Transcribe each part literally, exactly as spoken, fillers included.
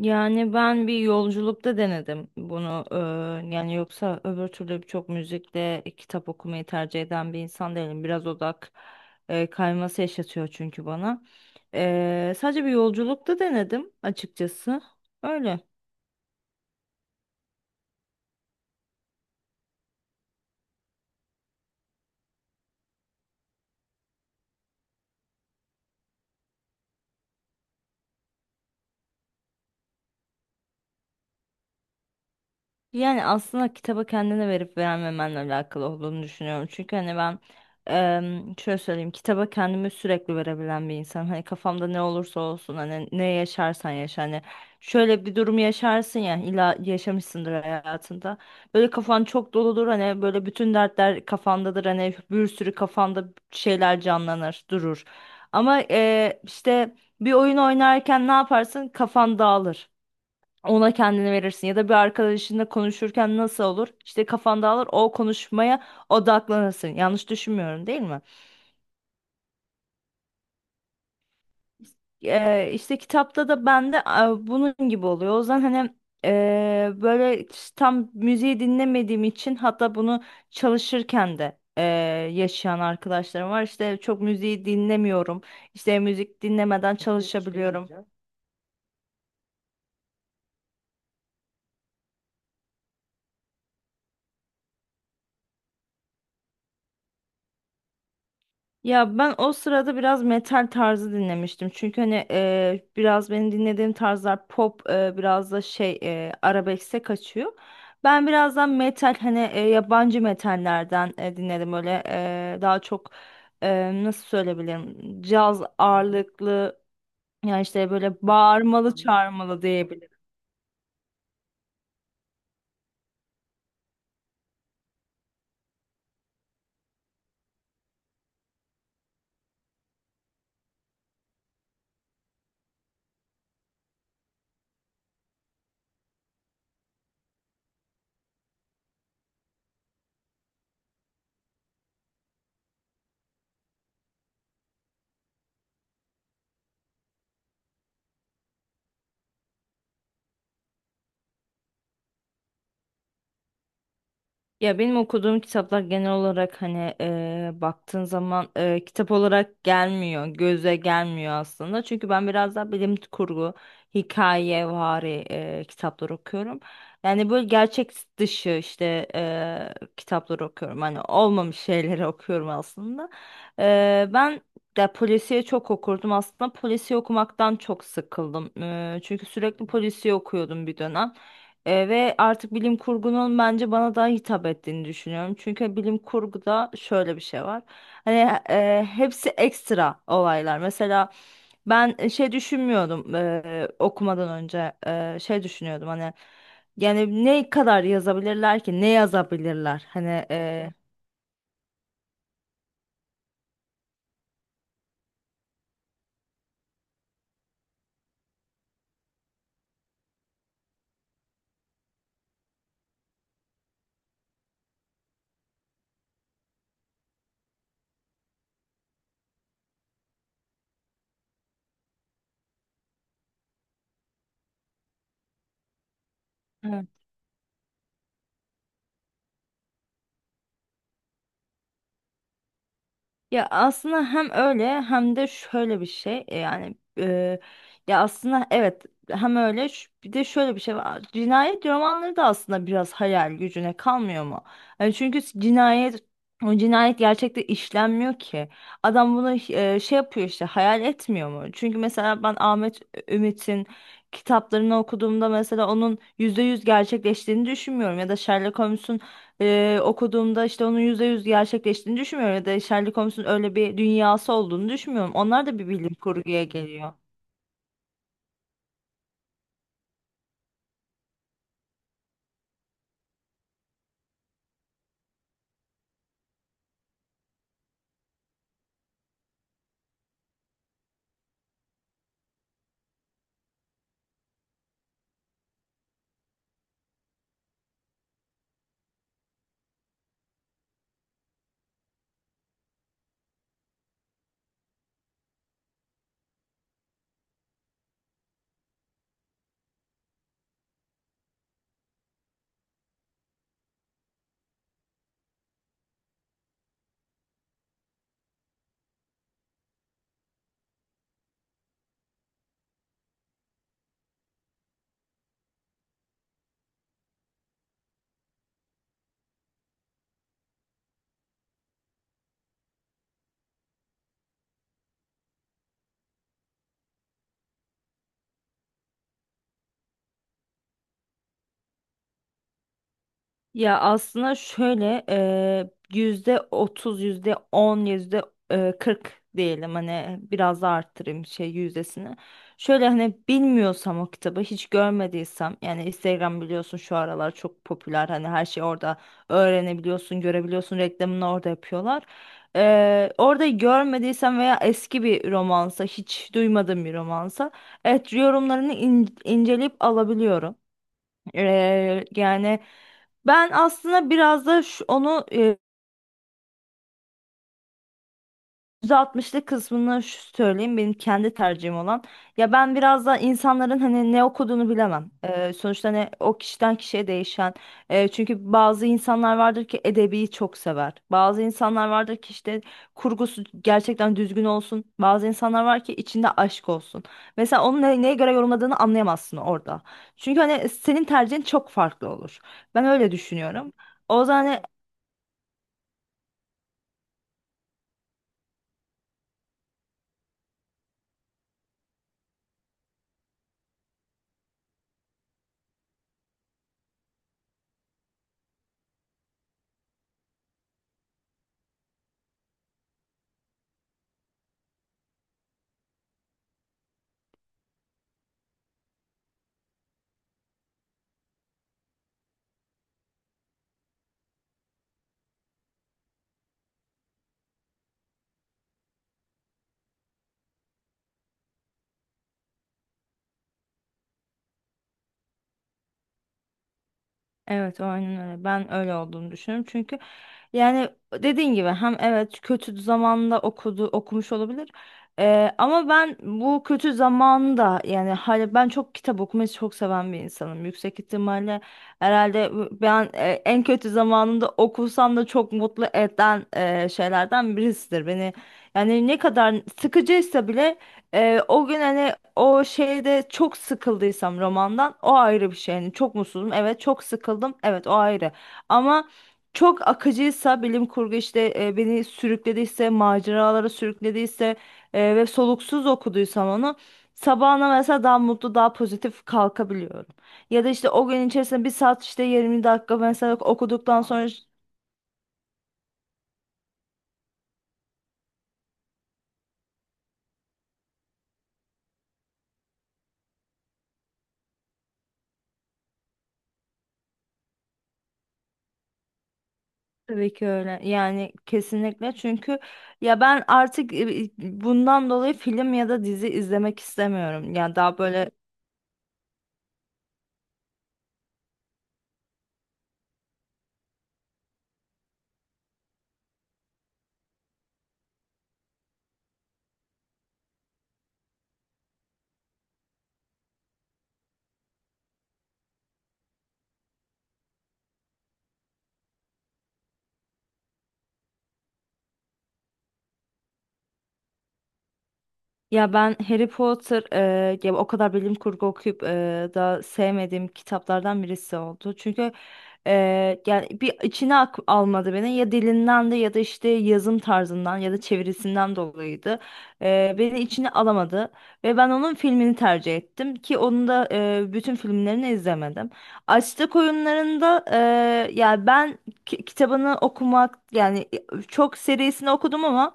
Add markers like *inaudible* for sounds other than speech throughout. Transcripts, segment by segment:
Yani ben bir yolculukta denedim bunu eee, yani yoksa öbür türlü çok müzikle kitap okumayı tercih eden bir insan değilim. Biraz odak eee, kayması yaşatıyor çünkü bana. Eee, sadece bir yolculukta denedim açıkçası. Öyle. Yani aslında kitaba kendine verip vermemenle alakalı olduğunu düşünüyorum. Çünkü hani ben em, şöyle söyleyeyim kitaba kendimi sürekli verebilen bir insan. Hani kafamda ne olursa olsun hani ne yaşarsan yaşa hani şöyle bir durum yaşarsın ya illa yaşamışsındır hayatında. Böyle kafan çok doludur hani böyle bütün dertler kafandadır hani bir sürü kafanda şeyler canlanır durur. Ama e, işte bir oyun oynarken ne yaparsın kafan dağılır. Ona kendini verirsin ya da bir arkadaşınla konuşurken nasıl olur? İşte kafan dağılır o konuşmaya odaklanırsın. Yanlış düşünmüyorum değil mi? Ee, işte kitapta da bende e, bunun gibi oluyor. O yüzden hani e, böyle tam müziği dinlemediğim için hatta bunu çalışırken de e, yaşayan arkadaşlarım var. İşte çok müziği dinlemiyorum. İşte müzik dinlemeden çalışabiliyorum. Ya ben o sırada biraz metal tarzı dinlemiştim. Çünkü hani e, biraz benim dinlediğim tarzlar pop e, biraz da şey e, arabeskse kaçıyor. Ben birazdan metal hani e, yabancı metallerden e, dinledim. Öyle e, daha çok e, nasıl söyleyebilirim caz ağırlıklı yani işte böyle bağırmalı çağırmalı. Ya benim okuduğum kitaplar genel olarak hani eee, baktığın zaman eee, kitap olarak gelmiyor, göze gelmiyor aslında. Çünkü ben biraz daha bilim kurgu, hikaye vari eee, kitaplar okuyorum. Yani böyle gerçek dışı işte eee kitaplar okuyorum. Hani olmamış şeyleri *laughs* okuyorum aslında. Eee, ben de polisiye çok okurdum. Aslında polisiye okumaktan çok sıkıldım. Eee, çünkü sürekli polisiye okuyordum bir dönem. E, ve artık bilim kurgunun bence bana daha hitap ettiğini düşünüyorum. Çünkü bilim kurguda şöyle bir şey var. Hani e, hepsi ekstra olaylar. Mesela ben e, şey düşünmüyordum e, okumadan önce E, şey düşünüyordum hani yani ne kadar yazabilirler ki ne yazabilirler hani e, Ya aslında hem öyle hem de şöyle bir şey e, yani e, ya aslında evet hem öyle ş- bir de şöyle bir şey var. Cinayet romanları da aslında biraz hayal gücüne kalmıyor mu? Yani çünkü cinayet o cinayet gerçekte işlenmiyor ki. Adam bunu e, şey yapıyor işte hayal etmiyor mu? Çünkü mesela ben Ahmet Ümit'in kitaplarını okuduğumda mesela onun yüzde yüz gerçekleştiğini düşünmüyorum ya da Sherlock Holmes'un e, okuduğumda işte onun yüzde yüz gerçekleştiğini düşünmüyorum ya da Sherlock Holmes'un öyle bir dünyası olduğunu düşünmüyorum. Onlar da bir bilim kurguya geliyor. Ya aslında şöyle eee yüzde otuz, yüzde on, yüzde kırk diyelim hani biraz da arttırayım şey yüzdesini. Şöyle hani bilmiyorsam o kitabı hiç görmediysem yani Instagram biliyorsun şu aralar çok popüler hani her şeyi orada öğrenebiliyorsun, görebiliyorsun reklamını orada yapıyorlar. Eee, orada görmediysem veya eski bir romansa hiç duymadığım bir romansa evet yorumlarını in- inceleyip alabiliyorum. Eee, yani ben aslında biraz da şu- onu e, yüzde altmışlık kısmını şu söyleyeyim benim kendi tercihim olan. Ya ben biraz da insanların hani ne okuduğunu bilemem. Ee, sonuçta hani o kişiden kişiye değişen. Ee, çünkü bazı insanlar vardır ki edebiyi çok sever. Bazı insanlar vardır ki işte kurgusu gerçekten düzgün olsun. Bazı insanlar var ki içinde aşk olsun. Mesela onun ne- neye göre yorumladığını anlayamazsın orada. Çünkü hani senin tercihin çok farklı olur. Ben öyle düşünüyorum. O zaman hani. Evet, aynen öyle. Ben öyle olduğunu düşünüyorum. Çünkü yani dediğin gibi hem evet kötü zamanda okudu, okumuş olabilir. Ee, ama ben bu kötü zamanda yani hala ben çok kitap okumayı çok seven bir insanım. Yüksek ihtimalle herhalde ben e, en kötü zamanında okusam da çok mutlu eden e, şeylerden birisidir. Beni yani ne kadar sıkıcıysa bile ee, o gün hani o şeyde çok sıkıldıysam romandan o ayrı bir şey. Yani çok mutsuzum evet çok sıkıldım evet o ayrı. Ama çok akıcıysa bilim kurgu işte e, beni sürüklediyse maceralara sürüklediyse e, ve soluksuz okuduysam onu sabahına mesela daha mutlu daha pozitif kalkabiliyorum. Ya da işte o gün içerisinde bir saat işte yirmi dakika mesela okuduktan sonra. Tabii ki öyle. Yani kesinlikle çünkü ya ben artık e, bundan dolayı film ya da dizi izlemek istemiyorum. Yani daha böyle. Ya ben Harry Potter eee, ya o kadar bilim kurgu okuyup eee da sevmediğim kitaplardan birisi oldu. Çünkü eee, yani bir içine ak- almadı beni ya dilinden de ya da işte yazım tarzından ya da çevirisinden dolayıydı. Eee, beni içine alamadı ve ben onun filmini tercih ettim ki onun da eee, bütün filmlerini izlemedim. Açlık oyunlarında eee ya ben ki- kitabını okumak yani çok serisini okudum ama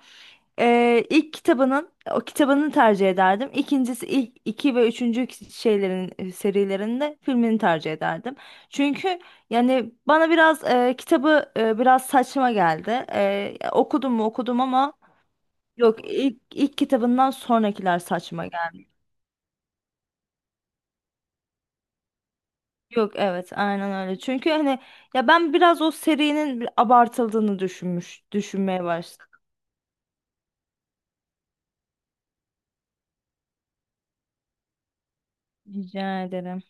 ee, ilk kitabının o kitabını tercih ederdim. İkincisi ilk iki ve üçüncü ki- şeylerin e, serilerinde filmini tercih ederdim. Çünkü yani bana biraz e, kitabı e, biraz saçma geldi. E, okudum mu okudum ama. Yok, ilk ilk kitabından sonrakiler saçma geldi. Yok evet aynen öyle. Çünkü hani ya ben biraz o serinin bir abartıldığını düşünmüş düşünmeye başladım. Rica ederim.